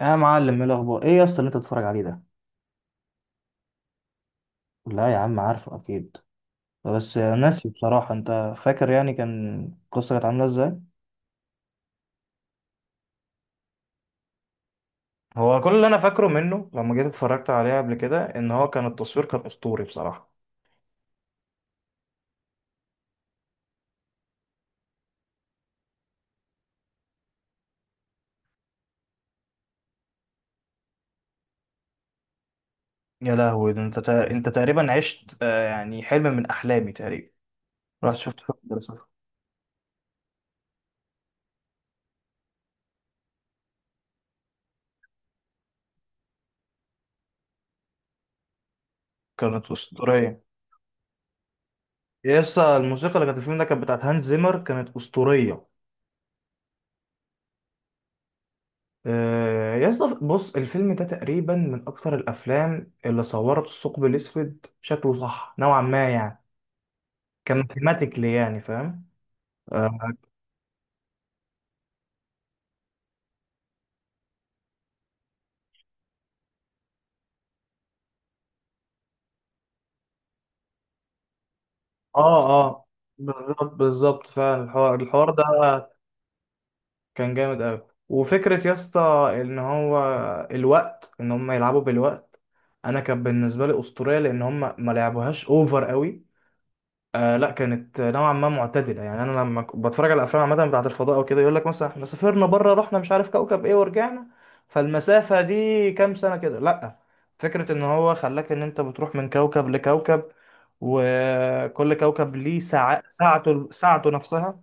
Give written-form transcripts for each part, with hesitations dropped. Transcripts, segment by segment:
يا معلم، ايه الاخبار؟ ايه يا اسطى اللي انت بتتفرج عليه ده؟ لا يا عم، عارفه اكيد. بس ناسي بصراحه. انت فاكر يعني كان القصه كانت عامله ازاي؟ هو كل اللي انا فاكره منه لما جيت اتفرجت عليه قبل كده ان هو كان التصوير كان اسطوري بصراحه. يا لهوي، ده انت انت تقريبا عشت، يعني حلم من احلامي تقريبا. رحت شفت فيلم دراسات. كانت اسطوريه. يا اسطى، الموسيقى اللي كانت في الفيلم ده كانت بتاعت هانز زيمر، كانت اسطوريه. يا اسطى بص، الفيلم ده تقريبا من اكتر الافلام اللي صورت الثقب الاسود شكله صح نوعا ما يعني. كماثيماتيكلي يعني، فاهم. اه. اه، بالظبط بالظبط، فعلا الحوار ده كان جامد قوي. وفكره يا اسطى ان هو الوقت، ان هم يلعبوا بالوقت. انا كان بالنسبه لي اسطوريه لان هم ما لعبوهاش اوفر قوي. آه لا، كانت نوعا ما معتدله. يعني انا لما بتفرج على الافلام عامه بتاعت الفضاء وكده، يقول لك مثلا احنا سافرنا بره رحنا مش عارف كوكب ايه ورجعنا، فالمسافه دي كام سنه كده، لا. فكره ان هو خلاك ان انت بتروح من كوكب لكوكب، وكل كوكب ليه ساعة ساعته ساعته نفسها.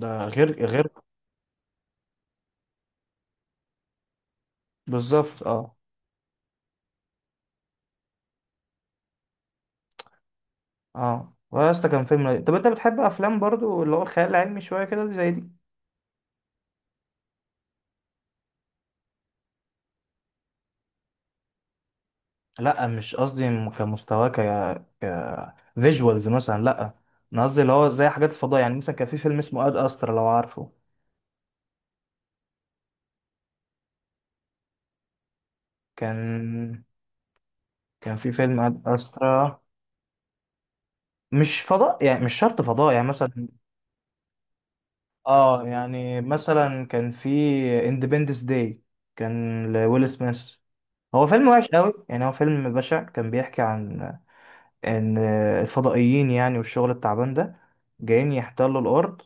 ده غير. بالظبط. اه، اه واسطى كان فيلم لذيذ. طب انت بتحب افلام برضو اللي هو الخيال العلمي شويه كده زي دي؟ لا مش قصدي كمستواه، ك فيجوالز مثلا، لا. انا قصدي اللي هو زي حاجات الفضاء يعني. مثلا كان في فيلم اسمه اد استرا، لو عارفه. كان كان في فيلم اد استرا. مش فضاء يعني، مش شرط فضاء يعني. مثلا، اه يعني مثلا كان في اندبندس داي، كان لويل سميث. هو فيلم وحش قوي يعني، هو فيلم بشع. كان بيحكي عن ان الفضائيين يعني، والشغل التعبان ده جايين يحتلوا الارض.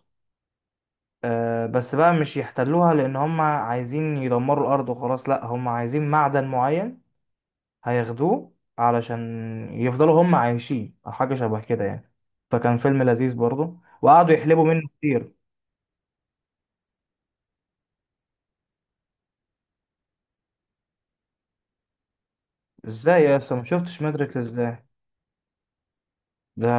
بس بقى مش يحتلوها لان هم عايزين يدمروا الارض وخلاص، لا هم عايزين معدن معين هياخدوه علشان يفضلوا هم عايشين، او حاجه شبه كده يعني. فكان فيلم لذيذ برضه، وقعدوا يحلبوا منه كتير. ازاي يا اسطى ما شفتش ماتريكس؟ ازاي؟ ده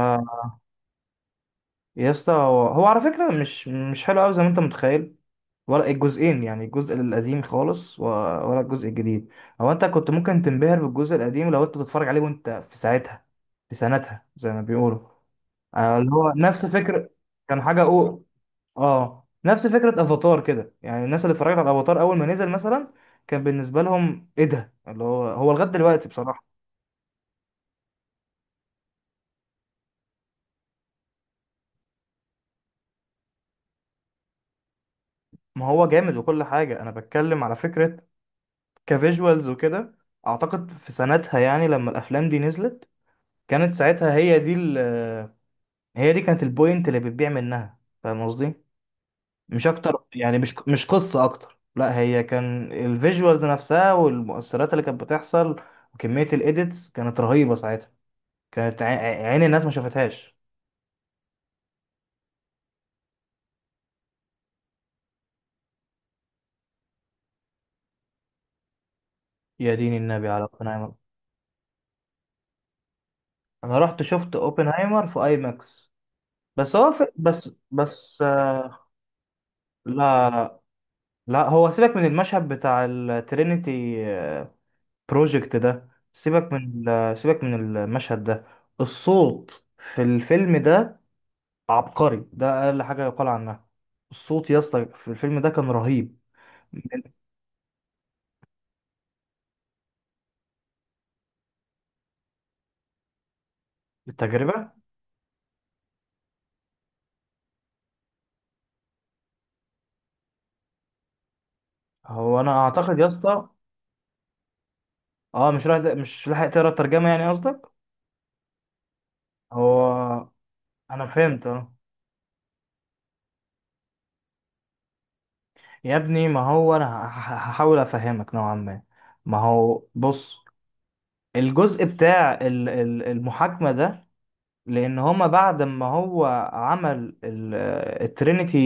يا اسطى هو على فكره مش حلو قوي زي ما انت متخيل، ولا الجزئين. يعني الجزء القديم خالص ولا الجزء الجديد، هو انت كنت ممكن تنبهر بالجزء القديم لو انت بتتفرج عليه وانت في ساعتها، في سنتها زي ما بيقولوا. اللي هو نفس فكرة، كان حاجة أو، اه نفس فكرة افاتار كده. يعني الناس اللي اتفرجت على افاتار اول ما نزل مثلا، كان بالنسبة لهم ايه ده اللي هو. هو لغاية دلوقتي بصراحة. ما هو جامد وكل حاجة، انا بتكلم على فكرة كفيجوالز وكده. اعتقد في سنتها يعني لما الافلام دي نزلت، كانت ساعتها هي دي ال، هي دي كانت البوينت اللي بتبيع منها. فاهم قصدي؟ مش اكتر يعني، مش قصة اكتر، لا، هي كان الفيجوالز نفسها والمؤثرات اللي كانت بتحصل، وكمية الايديتس كانت رهيبة ساعتها. كانت عين الناس ما شافتهاش. يا دين النبي على اوبنهايمر. انا رحت شفت اوبنهايمر في اي ماكس. بس هو في، بس لا لا لا، هو سيبك من المشهد بتاع الترينيتي بروجكت ده. سيبك من سيبك من المشهد ده. الصوت في الفيلم ده عبقري. ده اقل حاجه يقال عنها. الصوت يا اسطى في الفيلم ده كان رهيب، من التجربه. هو انا اعتقد يا اسطى، اه، مش لاحق تقرا الترجمه، يعني قصدك؟ هو انا فهمت، اه. يا ابني، ما هو انا هحاول افهمك نوعا ما. ما هو بص، الجزء بتاع المحاكمه ده، لان هما بعد ما هو عمل الترينيتي،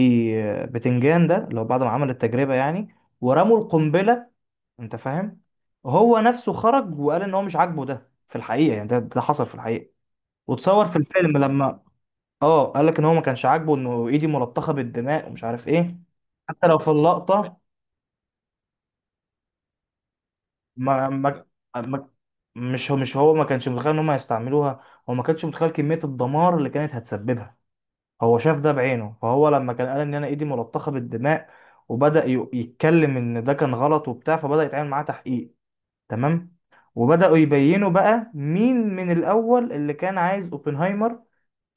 بتنجان ده، لو بعد ما عمل التجربه يعني، ورموا القنبله، انت فاهم. هو نفسه خرج وقال ان هو مش عاجبه ده في الحقيقه. يعني ده حصل في الحقيقه، وتصور في الفيلم لما، اه، قال لك ان هو ما كانش عاجبه انه ايدي ملطخه بالدماء ومش عارف ايه. حتى لو في اللقطه ما, ما, ما، مش هو ما كانش متخيل ان هم هيستعملوها. هو ما كانش متخيل كميه الدمار اللي كانت هتسببها. هو شاف ده بعينه، فهو لما كان قال ان انا ايدي ملطخه بالدماء، وبدأ يتكلم ان ده كان غلط وبتاع، فبدأ يتعامل معاه تحقيق. تمام. وبدأوا يبينوا بقى مين من الأول اللي كان عايز اوبنهايمر.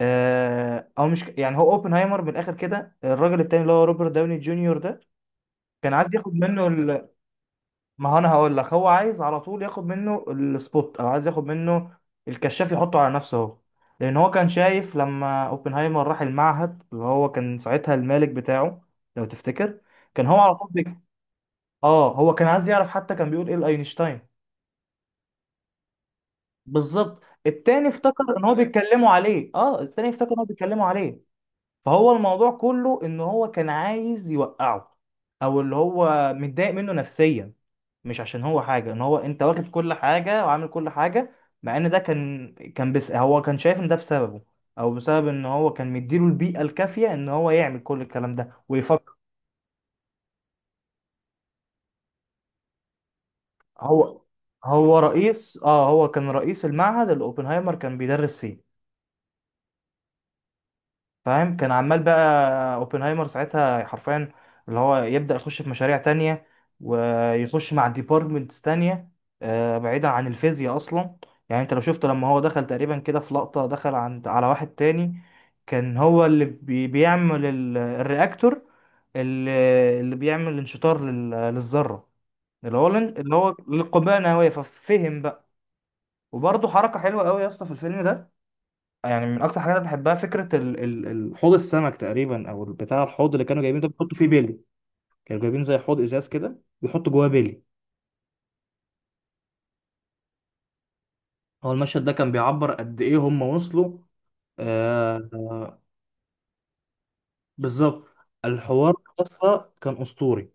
أو مش يعني هو اوبنهايمر من الآخر كده، الراجل التاني اللي هو روبرت داوني جونيور ده، كان عايز ياخد منه ال... ما هو أنا هقول لك، هو عايز على طول ياخد منه السبوت، أو عايز ياخد منه الكشاف يحطه على نفسه هو، لأن هو كان شايف لما اوبنهايمر راح المعهد اللي هو كان ساعتها المالك بتاعه، لو تفتكر، كان هو على طول اه، هو كان عايز يعرف حتى كان بيقول ايه لاينشتاين. بالظبط، التاني افتكر ان هو بيتكلموا عليه، اه، التاني افتكر ان هو بيتكلموا عليه. فهو الموضوع كله ان هو كان عايز يوقعه، او اللي هو متضايق منه نفسيا، مش عشان هو حاجه ان هو انت واخد كل حاجه وعامل كل حاجه، مع ان ده كان، بس هو كان شايف ان ده بسببه، او بسبب ان هو كان مديله البيئه الكافيه ان هو يعمل كل الكلام ده ويفكر. هو هو رئيس، اه، هو كان رئيس المعهد اللي اوبنهايمر كان بيدرس فيه. فاهم، كان عمال بقى اوبنهايمر ساعتها حرفيا اللي هو يبدأ يخش في مشاريع تانية ويخش مع ديبارتمنتس تانية، بعيدا عن الفيزياء اصلا. يعني انت لو شفت لما هو دخل تقريبا كده في لقطة، دخل عند على واحد تاني كان هو اللي بيعمل الرياكتور، اللي اللي بيعمل انشطار للذرة، اللي هو للقنبلة النووية، ففهم بقى. وبرضه حركة حلوة قوي يا اسطى في الفيلم ده. يعني من اكتر حاجات انا بحبها فكره حوض السمك تقريبا، او بتاع الحوض اللي كانوا جايبين ده بيحطوا فيه بيلي. كانوا جايبين زي حوض ازاز كده بيحطوا جواه بيلي. هو المشهد ده كان بيعبر قد ايه هم وصلوا. آه، بالظبط. الحوار اصلا كان اسطوري.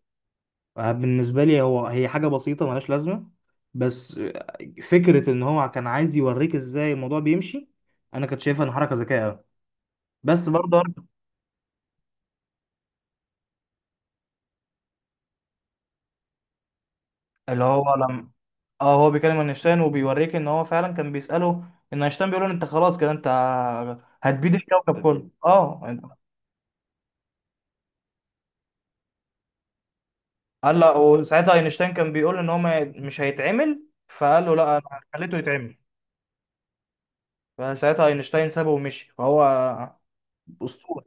بالنسبه لي هو، هي حاجه بسيطه ملهاش لازمه، بس فكره ان هو كان عايز يوريك ازاي الموضوع بيمشي، انا كنت شايفها ان حركه ذكيه أوي. بس برضه اللي هو لما، اه، هو بيكلم اينشتاين وبيوريك ان هو فعلا كان بيسأله ان اينشتاين بيقول له انت خلاص كده، انت هتبيد الكوكب كله. اه، قال له وساعتها اينشتاين كان بيقول ان هو مش هيتعمل، فقال له لا، انا خليته يتعمل. فساعتها اينشتاين سابه ومشي، فهو اسطوري.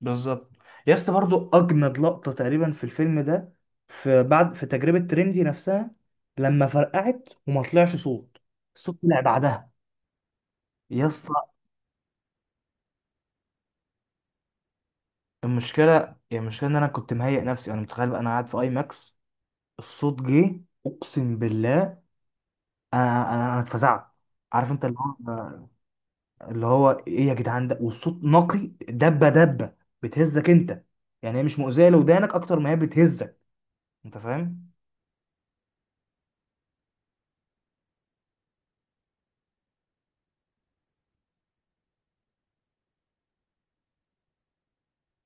بالظبط. يا اسطى برضو، اجمد لقطة تقريبا في الفيلم ده، في بعد، تجربة تريندي نفسها لما فرقعت وما طلعش صوت، الصوت طلع بعدها. يس. المشكله، يعني المشكله ان انا كنت مهيئ نفسي، انا متخيل بقى انا قاعد في اي ماكس، الصوت جه، اقسم بالله انا انا أنا اتفزعت. عارف انت اللي هو، اللي هو ايه يا جدعان ده، والصوت نقي. دبه دبه بتهزك انت. يعني هي مش مؤذيه لودانك اكتر ما هي بتهزك. انت فاهم،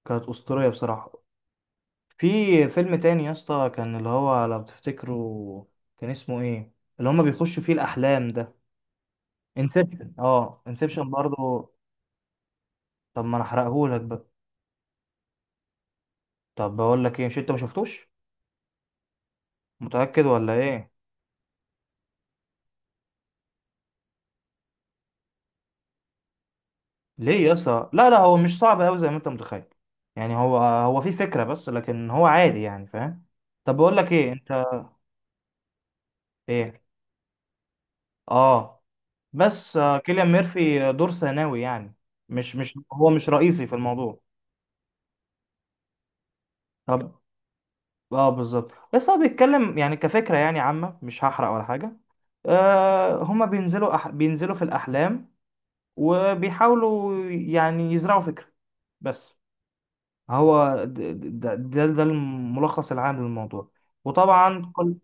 كانت اسطوريه بصراحه. في فيلم تاني يا اسطى كان، اللي هو لو تفتكروا كان اسمه ايه، اللي هما بيخشوا فيه الاحلام ده؟ انسبشن. اه، انسبشن برضه. طب ما انا احرقهولك بقى؟ طب بقول لك ايه، مش انت ما شفتوش؟ متأكد ولا ايه؟ ليه يا اسطى؟ لا لا، هو مش صعب قوي زي ما انت متخيل. يعني هو في فكرة بس، لكن هو عادي يعني، فاهم. طب بقول لك ايه انت. ايه، اه، بس كيليان ميرفي دور ثانوي يعني، مش هو مش رئيسي في الموضوع. طب، اه بالظبط. بس هو بيتكلم يعني كفكرة يعني عامة، مش هحرق ولا حاجة. آه، هما بينزلوا بينزلوا في الأحلام وبيحاولوا يعني يزرعوا فكرة بس. هو ده الملخص العام للموضوع، وطبعا كل...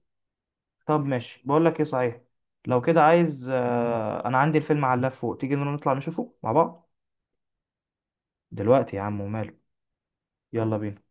طب ماشي، بقول لك ايه صحيح، لو كده عايز، انا عندي الفيلم على اللاب فوق، تيجي نطلع نشوفه مع بعض؟ دلوقتي يا عم، وماله. يلا بينا.